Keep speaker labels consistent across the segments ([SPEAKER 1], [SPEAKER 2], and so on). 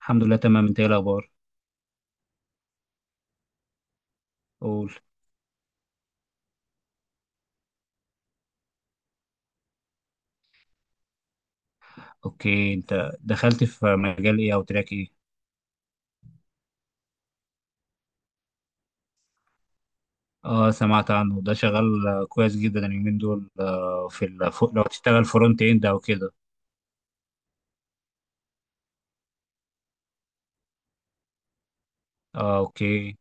[SPEAKER 1] الحمد لله تمام. انت ايه الاخبار؟ قول. اوكي، انت دخلت في مجال ايه او تراك ايه؟ اه سمعت عنه، ده شغال كويس جدا اليومين دول. في لو تشتغل فرونت اند او كده. اه اوكي.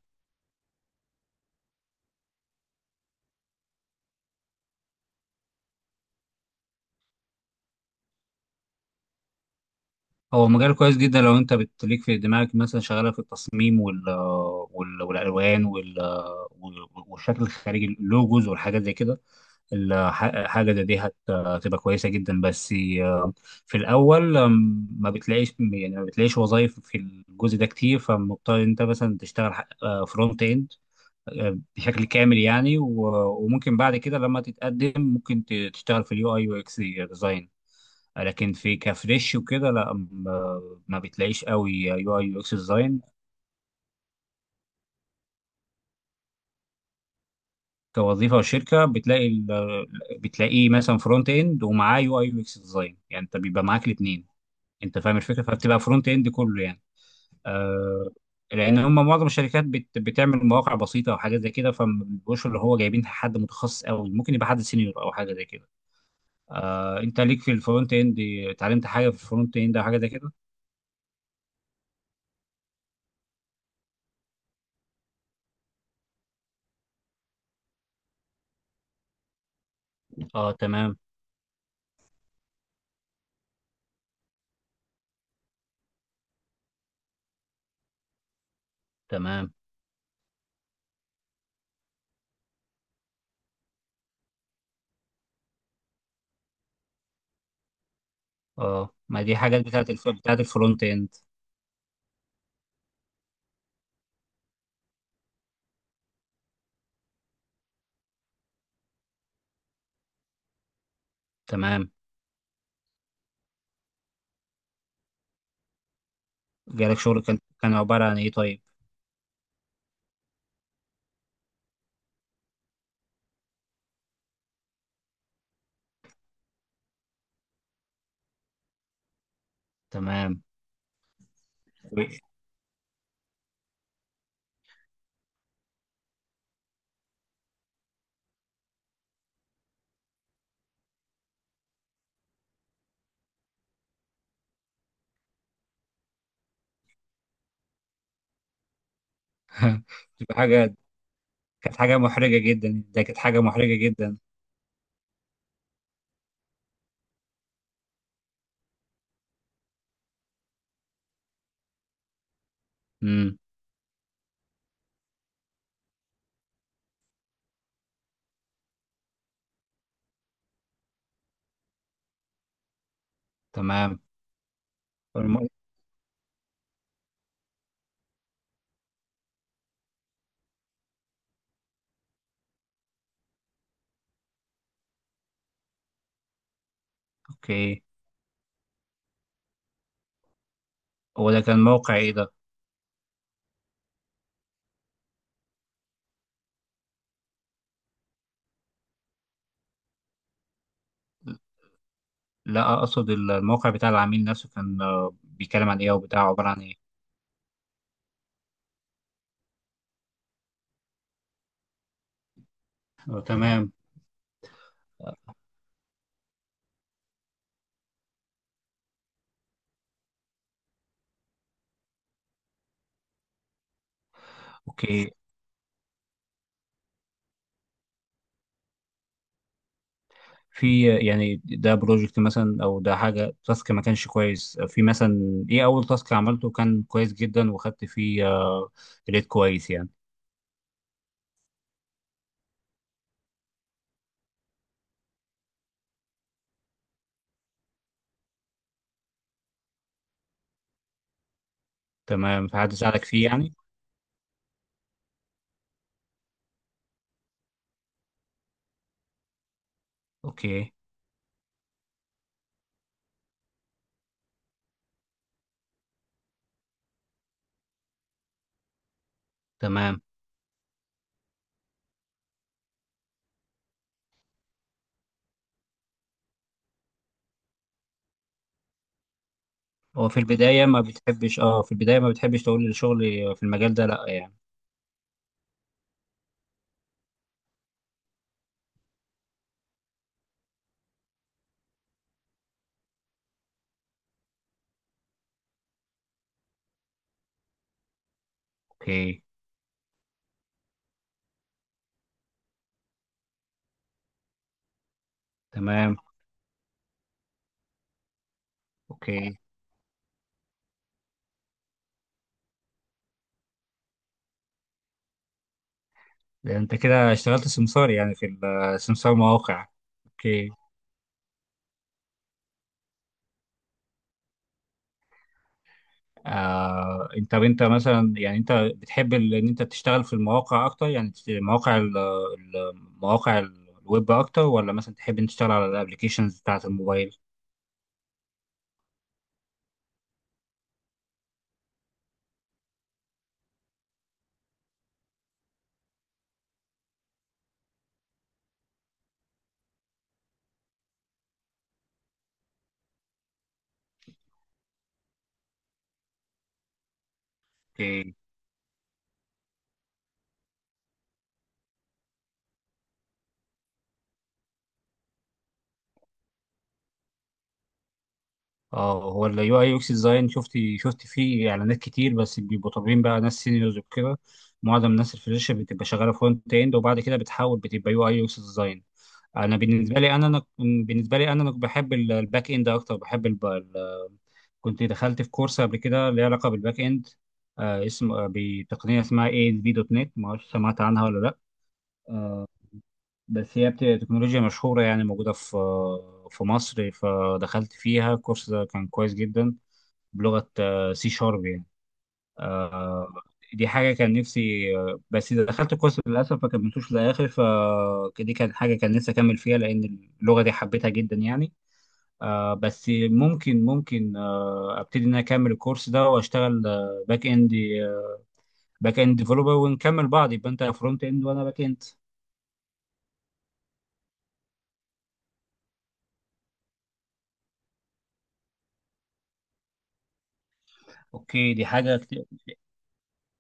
[SPEAKER 1] هو مجال كويس جدا لو انت بتليك في دماغك مثلا شغاله في التصميم والالوان والشكل الخارجي، اللوجوز والحاجات زي كده. حاجة زي دي هتبقى كويسة جدا. بس آه، في الأول، ما بتلاقيش، يعني ما بتلاقيش وظايف في الجزء ده كتير، فمضطر أنت مثلا تشتغل فرونت إند بشكل كامل يعني. وممكن بعد كده لما تتقدم ممكن تشتغل في اليو أي يو إكس ديزاين، لكن في كفريش وكده لا، ما بتلاقيش قوي يو أي يو إكس ديزاين. كوظيفة وشركة بتلاقي بتلاقيه مثلا فرونت إند ومعاه يو أي يو إكس ديزاين، يعني أنت بيبقى معاك الاتنين. انت فاهم الفكره، فبتبقى فرونت اند كله يعني. آه. لان هم معظم الشركات بتعمل مواقع بسيطه وحاجات زي كده، فما بيبقوش اللي هو جايبين حد متخصص قوي، ممكن يبقى حد سينيور او حاجه زي كده. آه، انت ليك في الفرونت اند؟ اتعلمت حاجه في الفرونت اند او حاجه زي كده؟ اه تمام. تمام. اه، ما دي حاجات بتاعت بتاعت الفرونت اند. تمام. جالك شغل، كان كان عباره عن ايه طيب؟ تمام. بتبقى حاجه. كانت حاجه محرجه جدا، ده كانت حاجه محرجه جدا. امم. تمام. الم- اوكي. هو ده كان موقع ايه ده؟ لا، اقصد الموقع بتاع العميل نفسه كان بيتكلم عن ايه او بتاع عبارة عن ايه؟ آه، تمام. اوكي. في يعني ده بروجكت مثلا او ده حاجه تاسك ما كانش كويس؟ في مثلا ايه اول تاسك عملته كان كويس جدا وخدت فيه ريت كويس يعني؟ تمام، فحد ساعدك فيه يعني. اوكي. تمام. هو في البدايه ما بتحبش، اه في البدايه ما بتحبش تقول الشغل في المجال ده، لا يعني؟ اوكي. تمام. اوكي. ده انت كده اشتغلت سمسار يعني في، السمسار مواقع. اوكي. آه، انت مثلا يعني انت بتحب ان انت تشتغل في المواقع اكتر، يعني في مواقع مواقع الويب اكتر، ولا مثلا تحب ان تشتغل على الابلكيشنز بتاعت الموبايل؟ اوكي. اه، هو اليو اي يو اكس ديزاين شفت، شفت فيه اعلانات كتير بس بيبقوا طالبين بقى ناس سينيورز وكده. معظم الناس الفريش بتبقى شغاله فرونت اند، وبعد كده بتحول بتبقى يو اي يو اكس ديزاين. انا بالنسبه لي انا، بالنسبه لي انا أنا بحب الباك اند اكتر. بحب كنت دخلت في كورس قبل كده ليه علاقه بالباك اند. آه اسم، بتقنيه اسمها اي اس بي دوت نت، ما اعرفش سمعت عنها ولا لا. بس هي تكنولوجيا مشهوره يعني، موجوده في في مصر. فدخلت فيها، الكورس ده كان كويس جدا. بلغه سي شارب يعني. آه. دي حاجه كان نفسي بس اذا دخلت الكورس للاسف ما كملتوش للاخر. فدي كانت حاجه كان نفسي اكمل فيها، لان اللغه دي حبيتها جدا يعني. آه بس ممكن، ممكن آه ابتدي ان انا اكمل الكورس ده واشتغل آه باك اند، باك اند ديفلوبر، ونكمل بعض، يبقى انت فرونت اند وانا باك اند. اوكي، دي حاجه كتير،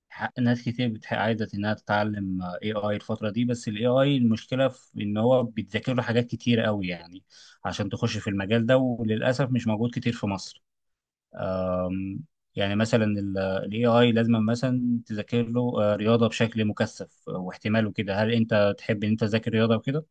[SPEAKER 1] ناس كتير عايزه انها تتعلم اي اي الفتره دي. بس الاي اي المشكله في ان هو بيتذاكر له حاجات كتير قوي يعني عشان تخش في المجال ده، وللاسف مش موجود كتير في مصر. أم، يعني مثلا الاي اي لازم مثلا تذاكر له رياضه بشكل مكثف، واحتمال وكده. هل انت تحب ان انت تذاكر رياضه وكده؟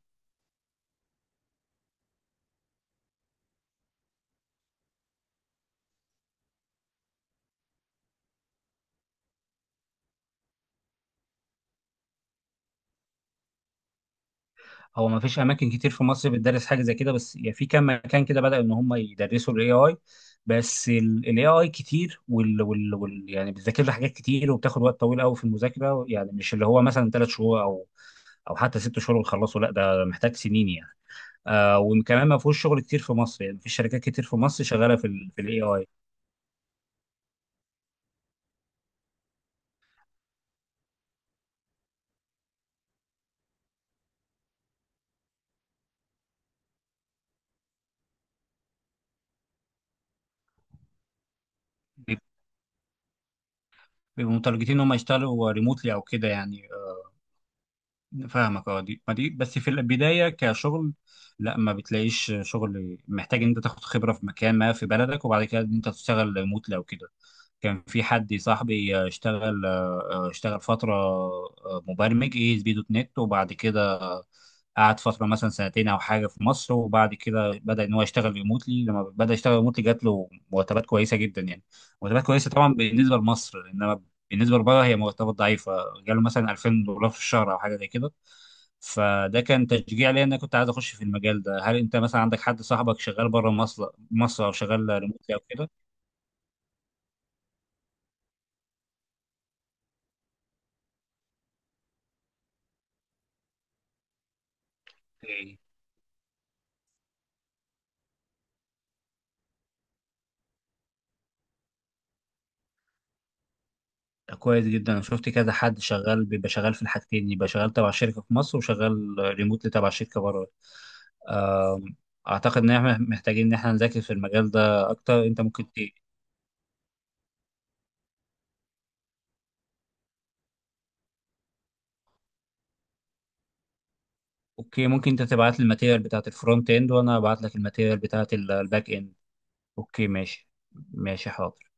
[SPEAKER 1] هو ما فيش اماكن كتير في مصر بتدرس حاجه زي كده، بس يعني في كام مكان كده بدأوا ان هم يدرسوا الاي اي. بس الاي اي كتير، وال يعني بتذاكر له حاجات كتير وبتاخد وقت طويل قوي في المذاكره، يعني مش اللي هو مثلا ثلاث شهور او او حتى ست شهور وتخلصه، لا ده محتاج سنين يعني. آه، وكمان ما فيهوش شغل كتير في مصر، يعني في شركات كتير في مصر شغاله في في الاي اي. بيبقوا متارجتين ان هم يشتغلوا ريموتلي او كده يعني. فاهمك. اه دي ما دي بس في البدايه كشغل. لا، ما بتلاقيش شغل، محتاج ان انت تاخد خبره في مكان ما في بلدك، وبعد كده ان انت تشتغل ريموتلي او كده. كان في حد صاحبي، اشتغل اشتغل فتره مبرمج اي اس بي دوت نت، وبعد كده قعد فتره مثلا سنتين او حاجه في مصر، وبعد كده بدا ان هو يشتغل ريموتلي. لما بدا يشتغل ريموتلي جات له مرتبات كويسه جدا يعني. مرتبات كويسه طبعا بالنسبه لمصر، انما بالنسبه لبره هي مرتبات ضعيفه. جاله مثلا 2000 دولار في الشهر او حاجه زي كده. فده كان تشجيع ليا ان انا كنت عايز اخش في المجال ده. هل انت مثلا عندك حد صاحبك شغال بره مصر مصر، او شغال ريموتلي او كده؟ اوكي. كويس جدا، انا شفت كذا حد شغال، بيبقى شغال في الحاجتين، يبقى شغال تبع شركه في مصر وشغال ريموتلي تبع شركه بره. أم، اعتقد ان احنا محتاجين ان احنا نذاكر في المجال ده اكتر. انت ممكن اوكي، ممكن انت تبعت لي الماتيريال بتاعت الفرونت اند وانا ابعت لك الماتيريال بتاعت الباك اند. اوكي ماشي. ماشي حاضر.